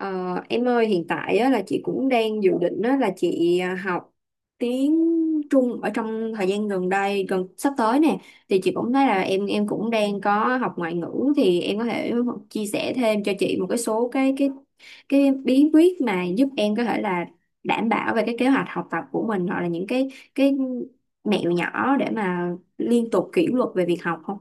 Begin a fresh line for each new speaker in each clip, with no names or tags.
Ờ, em ơi, hiện tại á, là chị cũng đang dự định á, là chị học tiếng Trung ở trong thời gian gần đây gần sắp tới nè, thì chị cũng thấy là em cũng đang có học ngoại ngữ, thì em có thể chia sẻ thêm cho chị một cái số cái bí quyết mà giúp em có thể là đảm bảo về cái kế hoạch học tập của mình, hoặc là những cái mẹo nhỏ để mà liên tục kỷ luật về việc học không?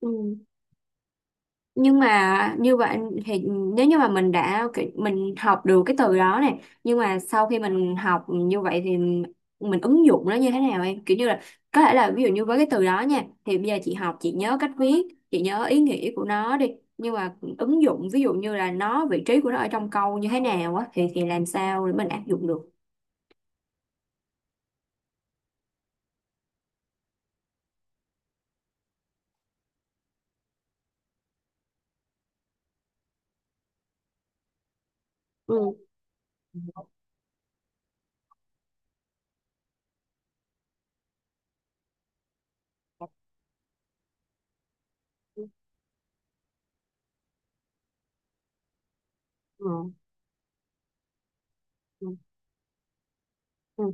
Ừ. Nhưng mà như vậy thì nếu như mà mình học được cái từ đó, này nhưng mà sau khi mình học như vậy thì mình ứng dụng nó như thế nào? Em kiểu như là có thể là ví dụ như với cái từ đó nha, thì bây giờ chị học, chị nhớ cách viết, chị nhớ ý nghĩa của nó đi, nhưng mà ứng dụng ví dụ như là nó vị trí của nó ở trong câu như thế nào á, thì làm sao để mình áp dụng được? Ừ. Ừ. Ừ. Ừ.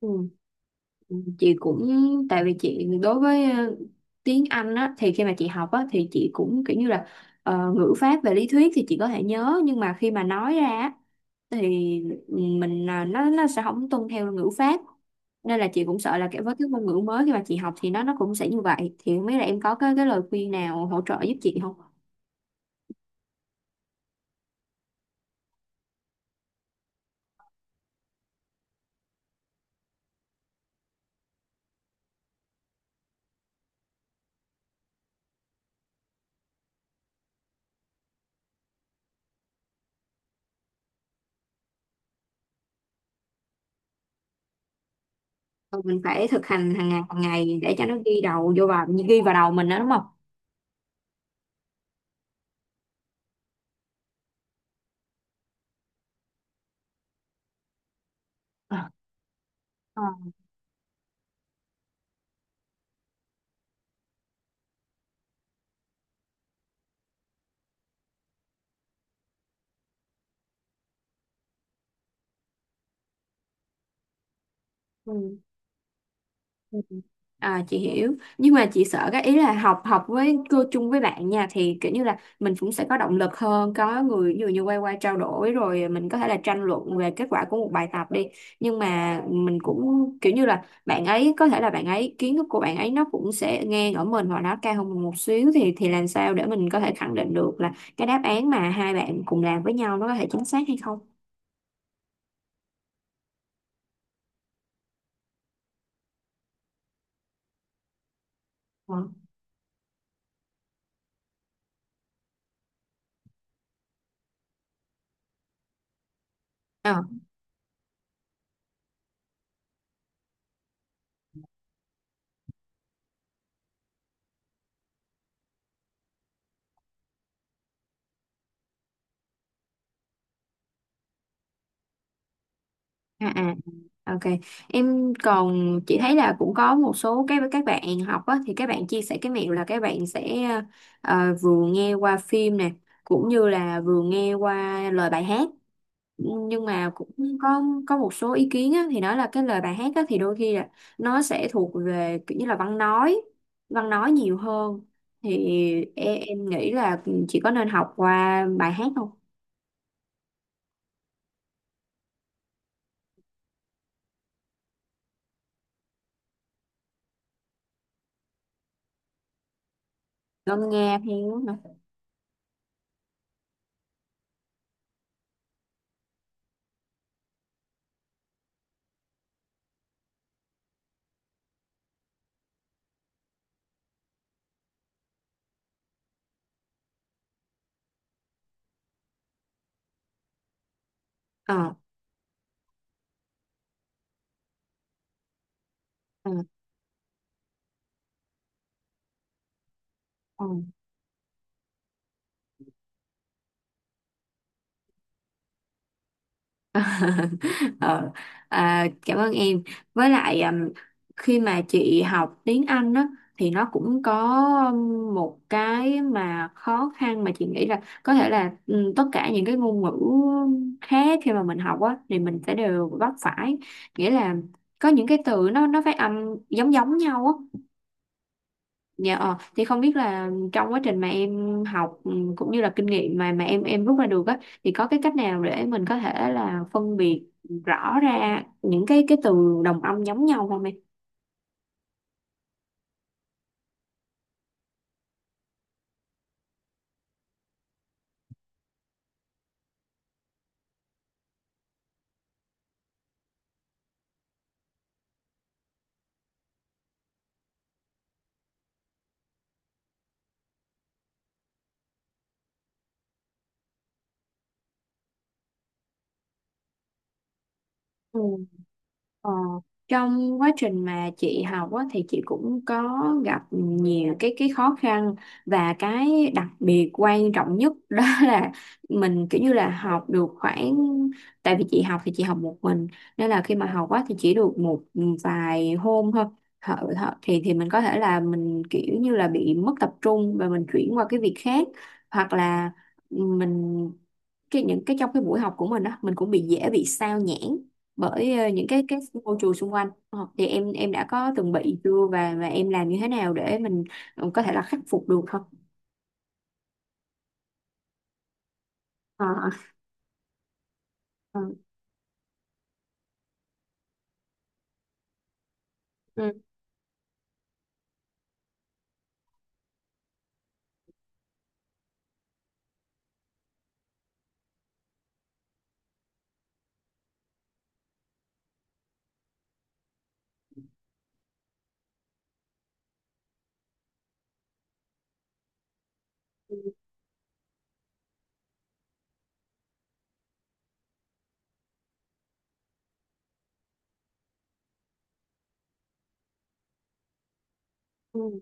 Ừ. Chị cũng, tại vì chị đối với tiếng Anh á, thì khi mà chị học á, thì chị cũng kiểu như là ngữ pháp về lý thuyết thì chị có thể nhớ, nhưng mà khi mà nói ra á, thì mình, nó sẽ không tuân theo ngữ pháp, nên là chị cũng sợ là kiểu với cái ngôn ngữ mới khi mà chị học thì nó cũng sẽ như vậy, thì không biết là em có cái lời khuyên nào hỗ trợ giúp chị không? Ờ, mình phải thực hành hàng ngày để cho nó ghi vào đầu mình đó, đúng không? Ờ. Ừ. À, chị hiểu, nhưng mà chị sợ cái ý là học học với cô chung với bạn nha, thì kiểu như là mình cũng sẽ có động lực hơn, có người ví dụ như quay qua trao đổi, rồi mình có thể là tranh luận về kết quả của một bài tập đi, nhưng mà mình cũng kiểu như là bạn ấy có thể là bạn ấy kiến thức của bạn ấy nó cũng sẽ ngang ở mình, hoặc nó cao hơn mình một xíu, thì làm sao để mình có thể khẳng định được là cái đáp án mà hai bạn cùng làm với nhau nó có thể chính xác hay không? Ờ. À, à, ok. Em còn chị thấy là cũng có một số cái các bạn học á, thì các bạn chia sẻ cái mẹo là các bạn sẽ vừa nghe qua phim nè, cũng như là vừa nghe qua lời bài hát. Nhưng mà cũng có có một số ý kiến á, thì nói là cái lời bài hát á, thì đôi khi là nó sẽ thuộc về kiểu như là văn nói nhiều hơn. Thì em nghĩ là chị có nên học qua bài hát không? Ngâm nghe theo hả? Ờ. ờ, ờ. ờ, à, cảm ơn em. Với lại khi mà chị học tiếng Anh á, thì nó cũng có một cái mà khó khăn mà chị nghĩ là có thể là tất cả những cái ngôn ngữ khác khi mà mình học á thì mình sẽ đều vấp phải, nghĩa là có những cái từ nó phát âm giống giống nhau á. Dạ, thì không biết là trong quá trình mà em học, cũng như là kinh nghiệm mà mà em rút ra được á, thì có cái cách nào để mình có thể là phân biệt rõ ra những cái từ đồng âm giống nhau không em? Ờ, trong quá trình mà chị học á, thì chị cũng có gặp nhiều cái khó khăn, và cái đặc biệt quan trọng nhất đó là mình kiểu như là học được khoảng, tại vì chị học thì chị học một mình, nên là khi mà học á, thì chỉ được một vài hôm thôi. Thì mình có thể là mình kiểu như là bị mất tập trung và mình chuyển qua cái việc khác, hoặc là mình, cái những cái trong cái buổi học của mình á, mình cũng bị dễ bị sao nhãng bởi những cái môi trường xung quanh. Ờ, thì em đã có từng bị chưa và em làm như thế nào để mình có thể là khắc phục được không? Ờ, ờ, ừ, ừ, ừ.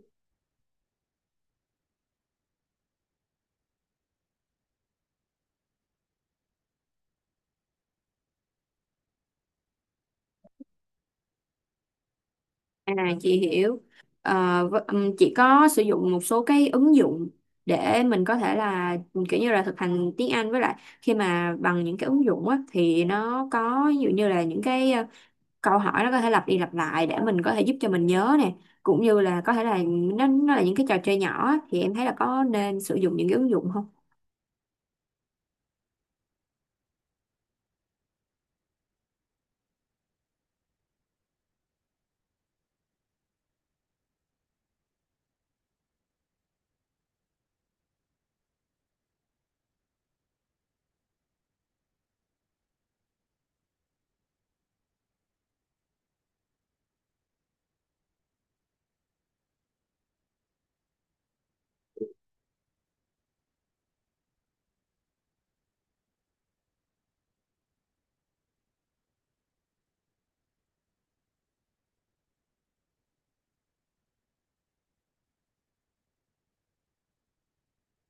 À, chị hiểu. Ờ, chị có sử dụng một số cái ứng dụng để mình có thể là kiểu như là thực hành tiếng Anh, với lại khi mà bằng những cái ứng dụng á, thì nó có ví dụ như là những cái câu hỏi nó có thể lặp đi lặp lại để mình có thể giúp cho mình nhớ nè, cũng như là có thể là nó là những cái trò chơi nhỏ á, thì em thấy là có nên sử dụng những cái ứng dụng không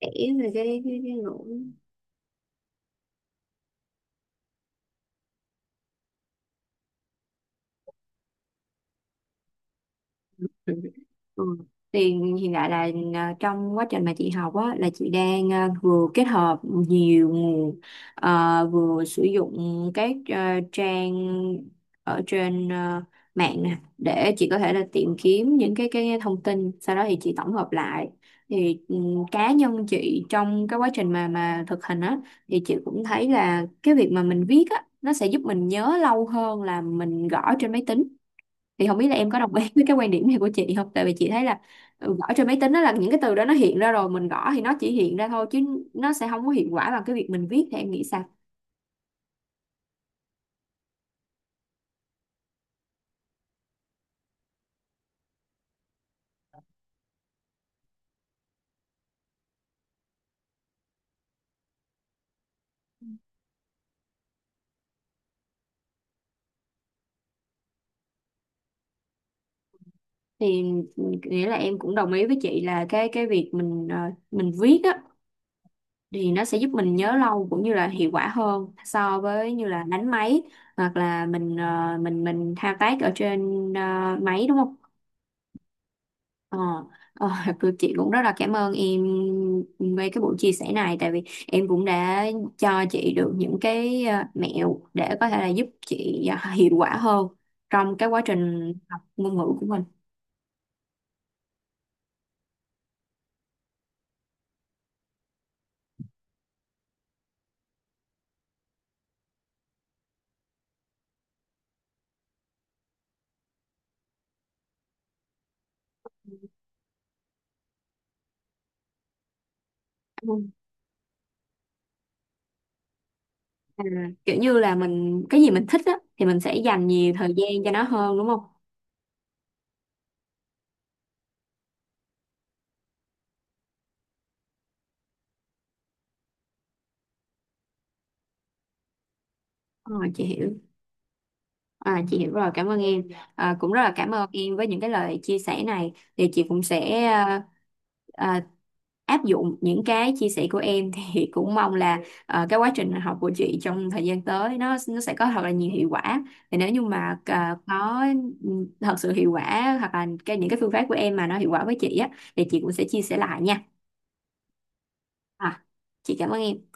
để về cái cái, Ừ. Ừ. Thì hiện tại là trong quá trình mà chị học á, là chị đang vừa kết hợp nhiều nguồn, vừa sử dụng các trang ở trên mạng nè để chị có thể là tìm kiếm những cái thông tin, sau đó thì chị tổng hợp lại. Thì cá nhân chị trong cái quá trình mà thực hành á, thì chị cũng thấy là cái việc mà mình viết á nó sẽ giúp mình nhớ lâu hơn là mình gõ trên máy tính, thì không biết là em có đồng ý với cái quan điểm này của chị không, tại vì chị thấy là gõ trên máy tính đó là những cái từ đó nó hiện ra, rồi mình gõ thì nó chỉ hiện ra thôi, chứ nó sẽ không có hiệu quả bằng cái việc mình viết, thì em nghĩ sao? Thì nghĩa là em cũng đồng ý với chị là cái việc mình mình viết á, thì nó sẽ giúp mình nhớ lâu cũng như là hiệu quả hơn so với như là đánh máy, hoặc là mình mình thao tác ở trên máy, đúng không? Ờ, ờ, chị cũng rất là cảm ơn em về cái buổi chia sẻ này, tại vì em cũng đã cho chị được những cái mẹo để có thể là giúp chị hiệu quả hơn trong cái quá trình học ngôn ngữ của mình. Ừ. À, kiểu như là mình cái gì mình thích á thì mình sẽ dành nhiều thời gian cho nó hơn, đúng không? Ờ, chị hiểu. À, chị hiểu rồi, cảm ơn em. À, cũng rất là cảm ơn em với những cái lời chia sẻ này. Thì chị cũng sẽ à, áp dụng những cái chia sẻ của em thì cũng mong là cái quá trình học của chị trong thời gian tới nó sẽ có thật là nhiều hiệu quả. Thì nếu như mà có ừ, thật sự hiệu quả, hoặc là cái những cái phương pháp của em mà nó hiệu quả với chị á, thì chị cũng sẽ chia sẻ lại nha. À, chị cảm ơn em.